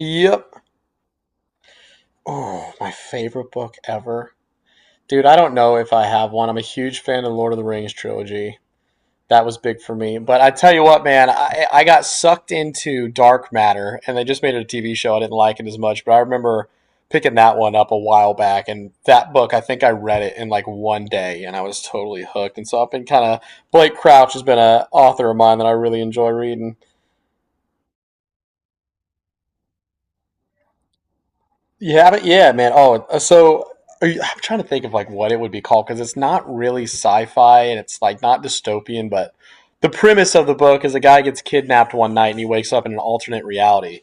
Yep. Oh, my favorite book ever. Dude, I don't know if I have one. I'm a huge fan of the Lord of the Rings trilogy. That was big for me. But I tell you what, man, I got sucked into Dark Matter, and they just made it a TV show. I didn't like it as much, but I remember picking that one up a while back. And that book, I think I read it in like one day, and I was totally hooked. And so I've been kind of, Blake Crouch has been an author of mine that I really enjoy reading. Yeah, but yeah, man. Oh, so are you, I'm trying to think of like what it would be called because it's not really sci-fi and it's like not dystopian, but the premise of the book is a guy gets kidnapped one night and he wakes up in an alternate reality,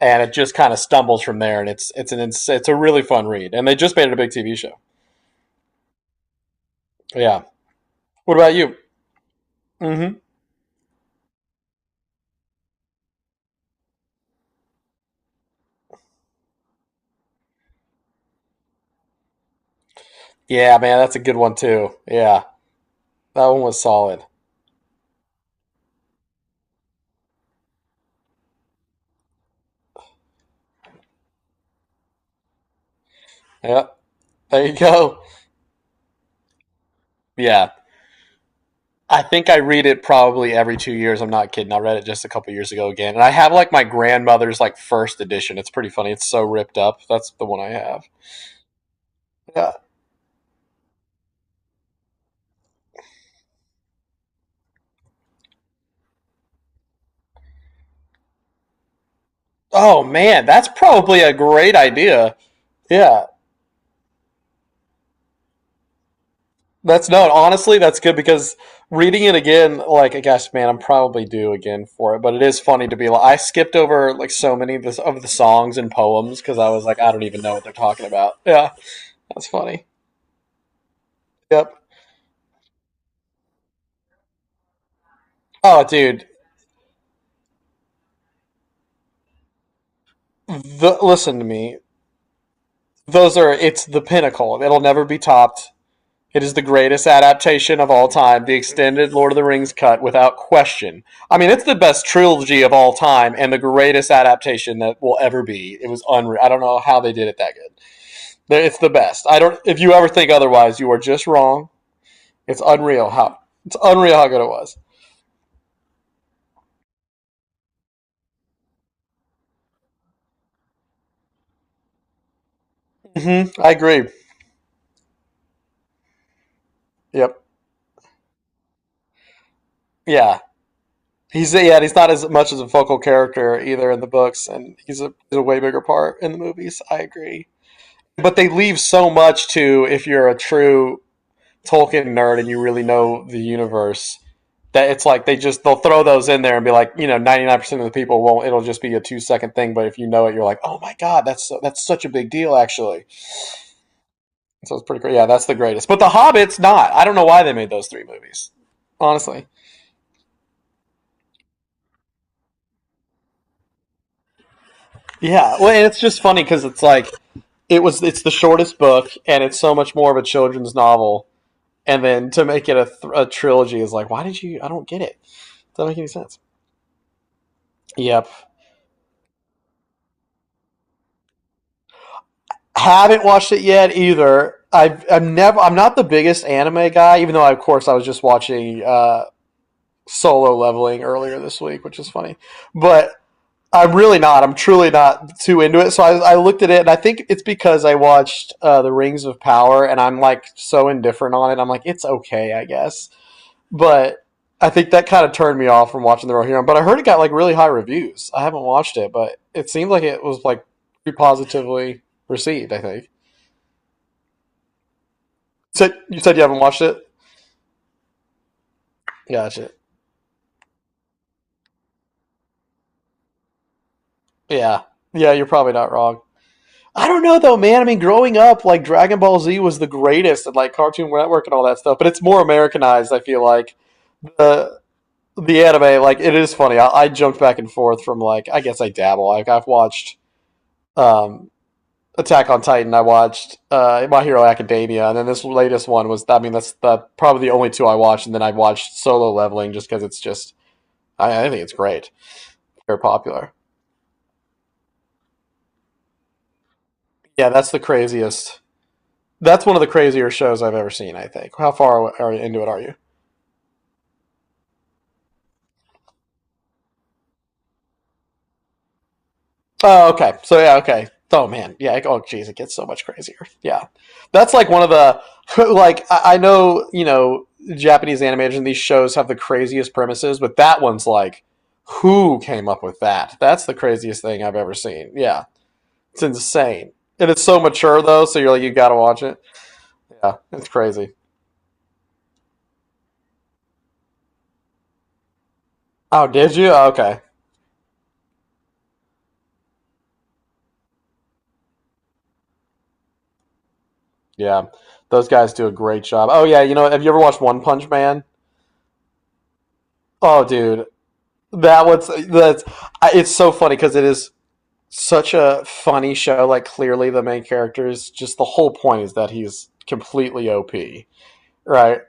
and it just kind of stumbles from there. And it's a really fun read, and they just made it a big TV show. Yeah. What about you? Mm-hmm. Yeah, man, that's a good one too. Yeah, that one was solid. Yep. There you go. Yeah. I think I read it probably every 2 years. I'm not kidding. I read it just a couple years ago again, and I have like my grandmother's like first edition. It's pretty funny. It's so ripped up. That's the one I have. Yeah. Oh man, that's probably a great idea. Yeah, that's no. Honestly, that's good because reading it again, like I guess, man, I'm probably due again for it. But it is funny to be like I skipped over like so many of the songs and poems because I was like I don't even know what they're talking about. Yeah, that's funny. Yep. Oh, dude, listen to me. Those are It's the pinnacle. It'll never be topped. It is the greatest adaptation of all time, the extended Lord of the Rings cut without question. I mean, it's the best trilogy of all time and the greatest adaptation that will ever be. It was unreal. I don't know how they did it that good. It's the best. I don't if you ever think otherwise, you are just wrong. It's unreal how it's unreal how good it was. I agree. Yep. Yeah. He's Yeah, he's not as much as a focal character either in the books and he's a way bigger part in the movies. I agree. But they leave so much to if you're a true Tolkien nerd and you really know the universe that it's like they just they'll throw those in there and be like, you know, 99% of the people won't it'll just be a 2-second thing, but if you know it you're like, "Oh my god, that's so, that's such a big deal actually." So it's pretty great. Yeah, that's the greatest. But The Hobbit's not. I don't know why they made those 3 movies. Honestly. Yeah, well, and it's just funny cuz it's like it's the shortest book and it's so much more of a children's novel, and then to make it a trilogy is like, "Why did you I don't get it." Does that make any sense? Yep. Haven't watched it yet either. I'm never. I'm not the biggest anime guy, even though of course I was just watching Solo Leveling earlier this week, which is funny. But I'm really not. I'm truly not too into it. So I looked at it, and I think it's because I watched The Rings of Power, and I'm like so indifferent on it. I'm like, it's okay, I guess. But I think that kind of turned me off from watching the Rohirrim. But I heard it got like really high reviews. I haven't watched it, but it seemed like it was like pretty positively received. I think. So you said you haven't watched it. Gotcha. Yeah, yeah, you're probably not wrong. I don't know though, man. I mean, growing up, like Dragon Ball Z was the greatest, and like Cartoon Network and all that stuff. But it's more Americanized. I feel like the the anime, like it is funny. I jumped back and forth from like I guess I dabble. Like I've watched um, Attack on Titan I watched, My Hero Academia, and then this latest one was. I mean, that's the probably the only two I watched, and then I watched Solo Leveling just because it's just. I think it's great. Very popular. Yeah, that's the craziest. That's one of the crazier shows I've ever seen. I think. How far are, into it are you? Oh, okay. So yeah, okay. Oh man, yeah. Like, oh, geez, it gets so much crazier. Yeah, that's like one of the like I know you know Japanese animation. These shows have the craziest premises, but that one's like, who came up with that? That's the craziest thing I've ever seen. Yeah, it's insane, and it's so mature though. So you're like, you got to watch it. Yeah, it's crazy. Oh, did you? Oh, okay. Yeah, those guys do a great job. Oh yeah, you know, have you ever watched One Punch Man? Oh, dude, that one's that's I- it's so funny because it is such a funny show. Like clearly the main character is just the whole point is that he's completely OP, right?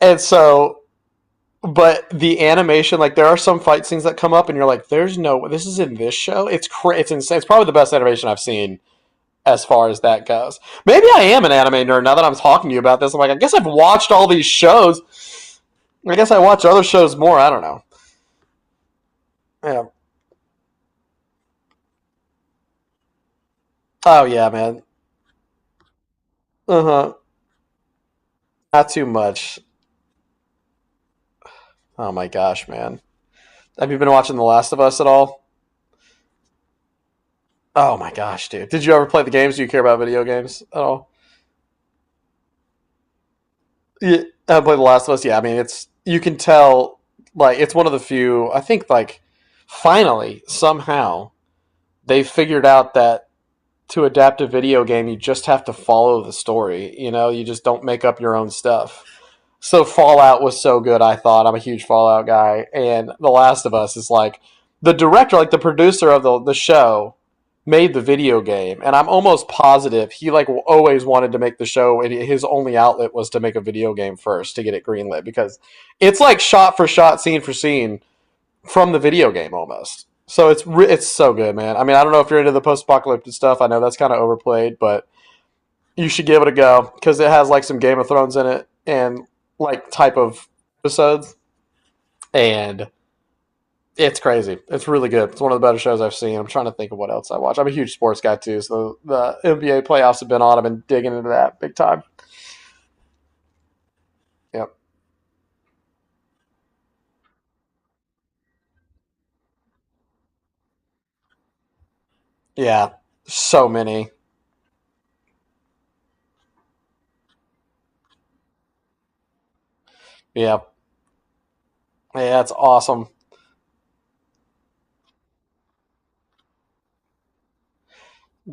And so, but the animation, like there are some fight scenes that come up, and you're like, "There's no this is in this show." It's insane. It's probably the best animation I've seen as far as that goes. Maybe I am an anime nerd now that I'm talking to you about this. I'm like, I guess I've watched all these shows. I guess I watch other shows more. I don't know. Yeah. Oh yeah, man. Uh huh. Not too much. Oh my gosh, man. Have you been watching The Last of Us at all? Oh my gosh, dude! Did you ever play the games? Do you care about video games at all? Yeah, I played The Last of Us. Yeah, I mean, it's you can tell like it's one of the few. I think like finally somehow they figured out that to adapt a video game, you just have to follow the story. You know, you just don't make up your own stuff. So Fallout was so good, I thought. I'm a huge Fallout guy, and The Last of Us is like the director, like the producer of the show, made the video game, and I'm almost positive he like always wanted to make the show, and his only outlet was to make a video game first to get it greenlit because it's like shot for shot, scene for scene from the video game almost. So it's so good, man. I mean, I don't know if you're into the post apocalyptic stuff. I know that's kind of overplayed, but you should give it a go because it has like some Game of Thrones in it and like type of episodes, and it's crazy. It's really good. It's one of the better shows I've seen. I'm trying to think of what else I watch. I'm a huge sports guy too, so the NBA playoffs have been on. I've been digging into that big time. Yep. Yeah. So many. Yeah. Yeah, that's awesome.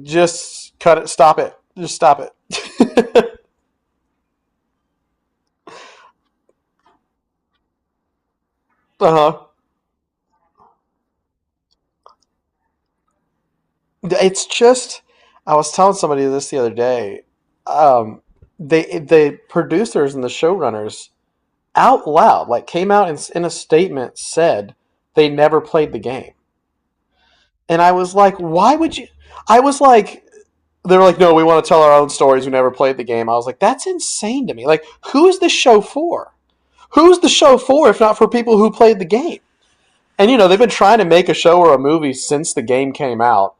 Just cut it. Stop it. Just stop it. uh huh. It's just, I was telling somebody this the other day. Um, the producers and the showrunners out loud like came out and in a statement said they never played the game, and I was like, why would you? I was like, they were like, no, we want to tell our own stories. We never played the game. I was like, that's insane to me. Like, who is this show for? Who's the show for if not for people who played the game? And you know, they've been trying to make a show or a movie since the game came out.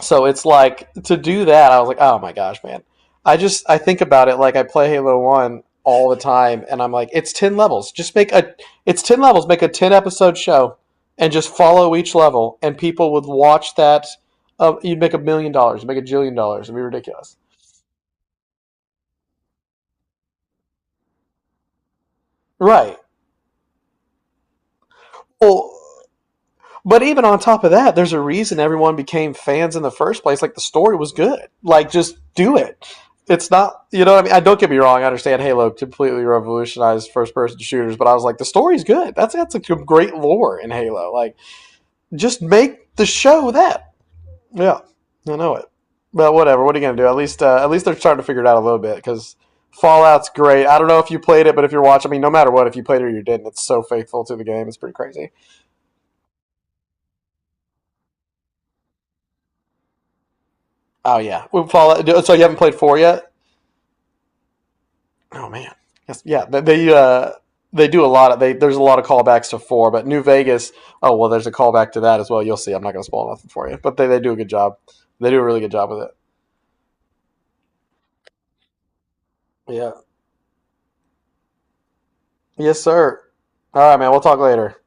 So it's like to do that, I was like, oh my gosh, man. I just I think about it like I play Halo One all the time, and I'm like, it's 10 levels. Just make a It's 10 levels. Make a 10 episode show, and just follow each level, and people would watch that. You'd make $1 million, make a jillion dollars. It'd be ridiculous, right? Well, but even on top of that, there's a reason everyone became fans in the first place. Like the story was good. Like just do it. It's not, you know what I mean? I don't get me wrong. I understand Halo completely revolutionized first person shooters, but I was like, the story's good. That's a great lore in Halo. Like just make the show that. Yeah, I know it. But whatever. What are you gonna do? At least they're starting to figure it out a little bit because Fallout's great. I don't know if you played it, but if you're watching, I mean, no matter what, if you played it or you didn't, it's so faithful to the game. It's pretty crazy. Oh yeah, well, Fallout. So you haven't played four yet? Oh man, yes, yeah. They do a lot of they. There's a lot of callbacks to four, but New Vegas. Oh well, there's a callback to that as well. You'll see. I'm not going to spoil nothing for you, but they do a good job. They do a really good job with it. Yeah. Yes, sir. All right, man. We'll talk later.